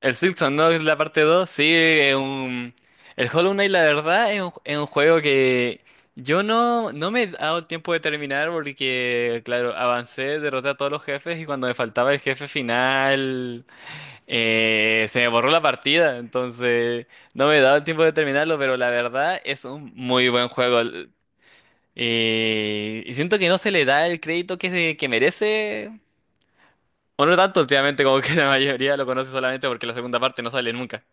El Silksong, ¿no? La parte 2, sí, es un... El Hollow Knight, la verdad, es es un juego que yo no, no me he dado tiempo de terminar porque, claro, avancé, derroté a todos los jefes y cuando me faltaba el jefe final, se me borró la partida, entonces no me he dado el tiempo de terminarlo, pero la verdad es un muy buen juego. Y siento que no se le da el crédito que merece, o no tanto últimamente, como que la mayoría lo conoce solamente porque la segunda parte no sale nunca.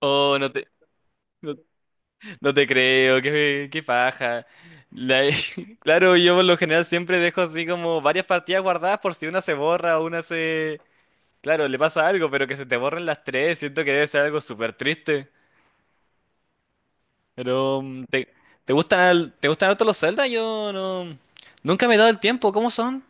Oh, no te, no, no te creo, qué paja. La- claro, yo por lo general siempre dejo así como varias partidas guardadas por si una se borra o una se... Claro, le pasa algo, pero que se te borren las tres, siento que debe ser algo súper triste. Pero, ¿te gustan, te gustan harto los Zelda? Yo no... Nunca me he dado el tiempo, ¿cómo son?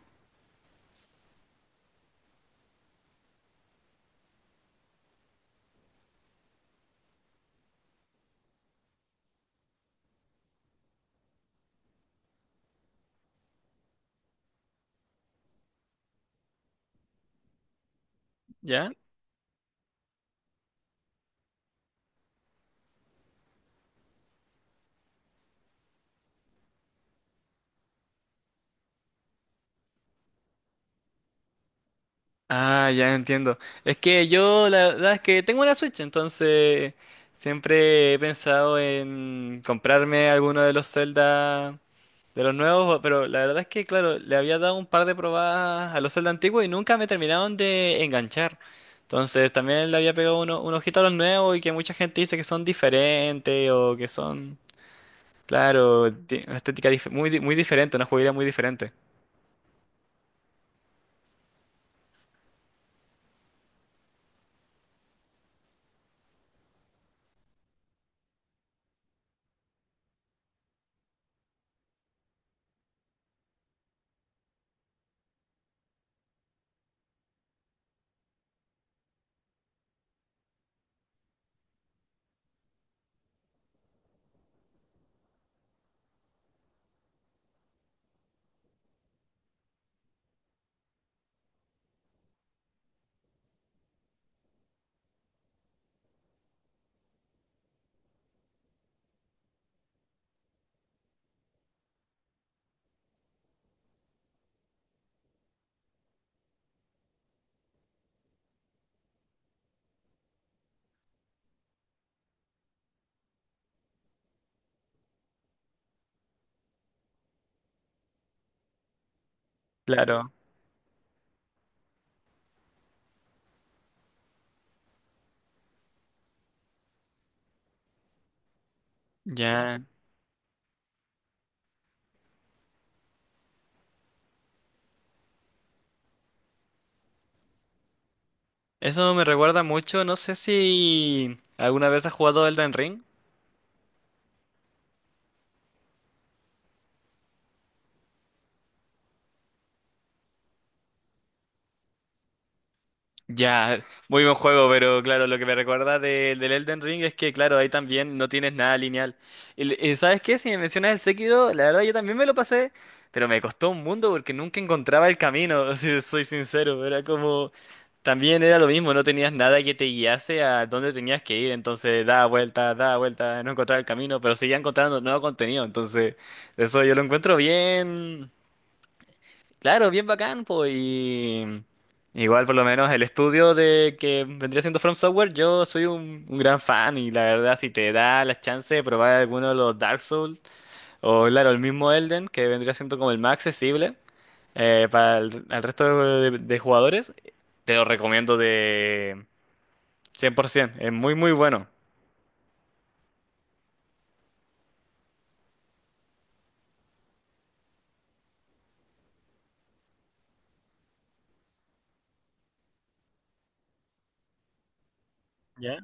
¿Ya? Ah, ya entiendo. Es que yo la verdad es que tengo una Switch, entonces siempre he pensado en comprarme alguno de los Zelda de los nuevos, pero la verdad es que, claro, le había dado un par de probadas a los Zelda antiguos y nunca me terminaron de enganchar. Entonces también le había pegado un ojito a los nuevos, y que mucha gente dice que son diferentes o que son, claro, una estética muy diferente, una jugabilidad muy diferente. Claro, ya. Eso me recuerda mucho, no sé si alguna vez has jugado Elden Ring. Ya, muy buen juego, pero claro, lo que me recuerda del Elden Ring es que, claro, ahí también no tienes nada lineal. Y, y ¿sabes qué? Si me mencionas el Sekiro, la verdad yo también me lo pasé, pero me costó un mundo porque nunca encontraba el camino, si soy sincero. Era como, también era lo mismo, no tenías nada que te guiase a dónde tenías que ir, entonces da vuelta, no encontraba el camino, pero seguía encontrando nuevo contenido, entonces eso yo lo encuentro bien. Claro, bien bacán, pues. Y igual, por lo menos, el estudio de que vendría siendo From Software, yo soy un gran fan. Y la verdad, si te da la chance de probar alguno de los Dark Souls, o claro, el mismo Elden, que vendría siendo como el más accesible para al resto de jugadores, te lo recomiendo de 100%. Es muy, muy bueno. ¿Ya?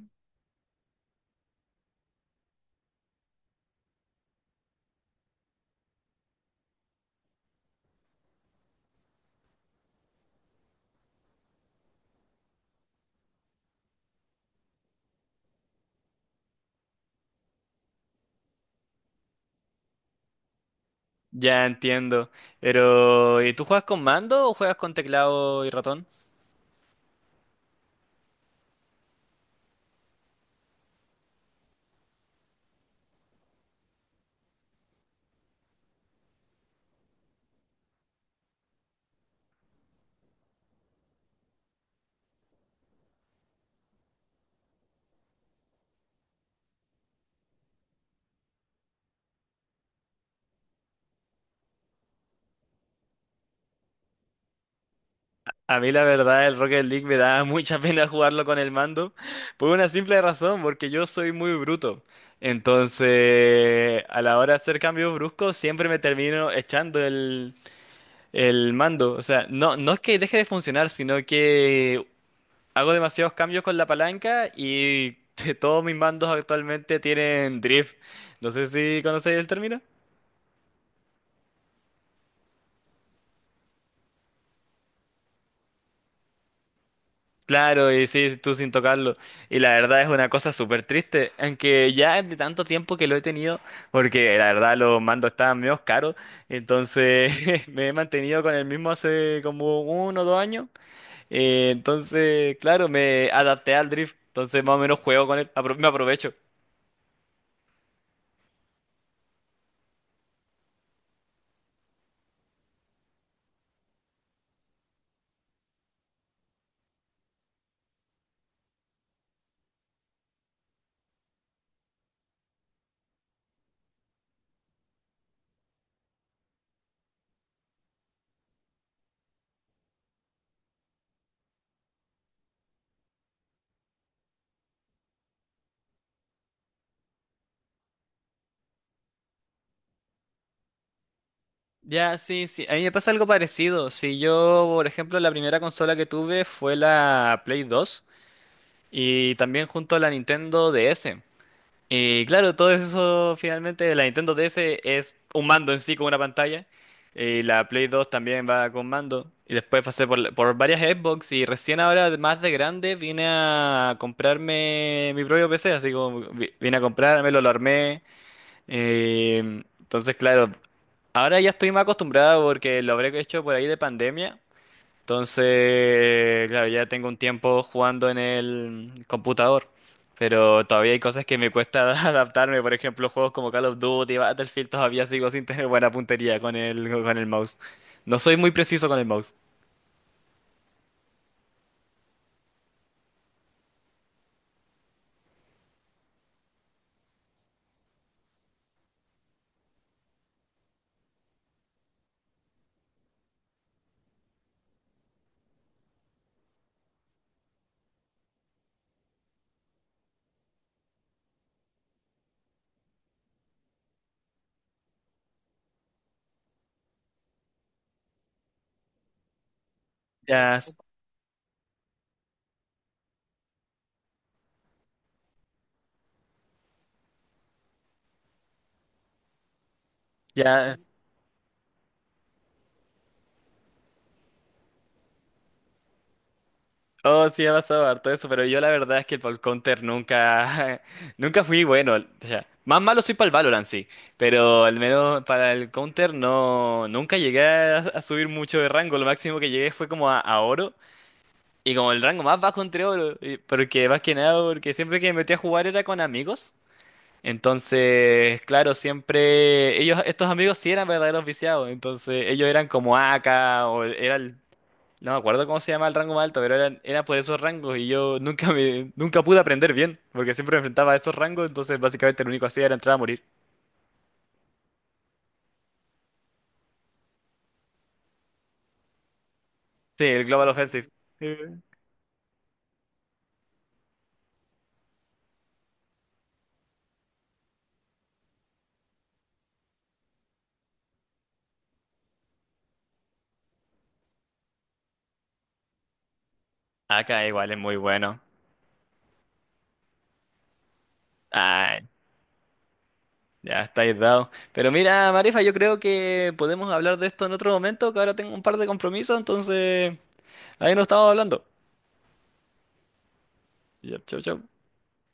Ya entiendo. Pero, ¿y tú juegas con mando o juegas con teclado y ratón? A mí la verdad el Rocket League me da mucha pena jugarlo con el mando por una simple razón, porque yo soy muy bruto. Entonces, a la hora de hacer cambios bruscos, siempre me termino echando el mando. O sea, no, no es que deje de funcionar, sino que hago demasiados cambios con la palanca y todos mis mandos actualmente tienen drift. No sé si conocéis el término. Claro, y sí, tú sin tocarlo. Y la verdad es una cosa súper triste, aunque ya es de tanto tiempo que lo he tenido, porque la verdad los mandos estaban medio caros, entonces me he mantenido con el mismo hace como uno o dos años. Entonces, claro, me adapté al drift, entonces más o menos juego con él, me aprovecho. Ya, sí, sí, a mí me pasa algo parecido. Si yo, por ejemplo, la primera consola que tuve fue la Play 2, y también junto a la Nintendo DS. Y claro, todo eso finalmente, la Nintendo DS es un mando en sí con una pantalla. Y la Play 2 también va con mando. Y después pasé por, por varias Xbox, y recién ahora, más de grande, vine a comprarme mi propio PC. Así como vine a comprármelo, lo armé. eh, entonces, claro, ahora ya estoy más acostumbrado porque lo habré hecho por ahí de pandemia. Entonces, claro, ya tengo un tiempo jugando en el computador, pero todavía hay cosas que me cuesta adaptarme. Por ejemplo, juegos como Call of Duty, Battlefield, todavía sigo sin tener buena puntería con con el mouse. No soy muy preciso con el mouse. Ya, s- ya. Oh, sí, ha pasado harto eso, pero yo la verdad es que para el Counter nunca, nunca fui bueno. O sea, más malo soy para el Valorant, sí, pero al menos para el Counter no, nunca llegué a subir mucho de rango. Lo máximo que llegué fue como a oro. Y como el rango más bajo entre oro, porque más que nada, porque siempre que me metí a jugar era con amigos. Entonces, claro, siempre ellos, estos amigos sí eran verdaderos viciados. Entonces, ellos eran como AK, o era no me acuerdo cómo se llama el rango más alto, pero eran, era por esos rangos, y yo nunca pude aprender bien, porque siempre me enfrentaba a esos rangos, entonces básicamente lo único que hacía era entrar a morir. Sí, el Global Offensive. AK igual es muy bueno. Ya estáis dado. Pero mira, Marifa, yo creo que podemos hablar de esto en otro momento, que ahora tengo un par de compromisos, entonces ahí nos estamos hablando. Ya, chau, chau.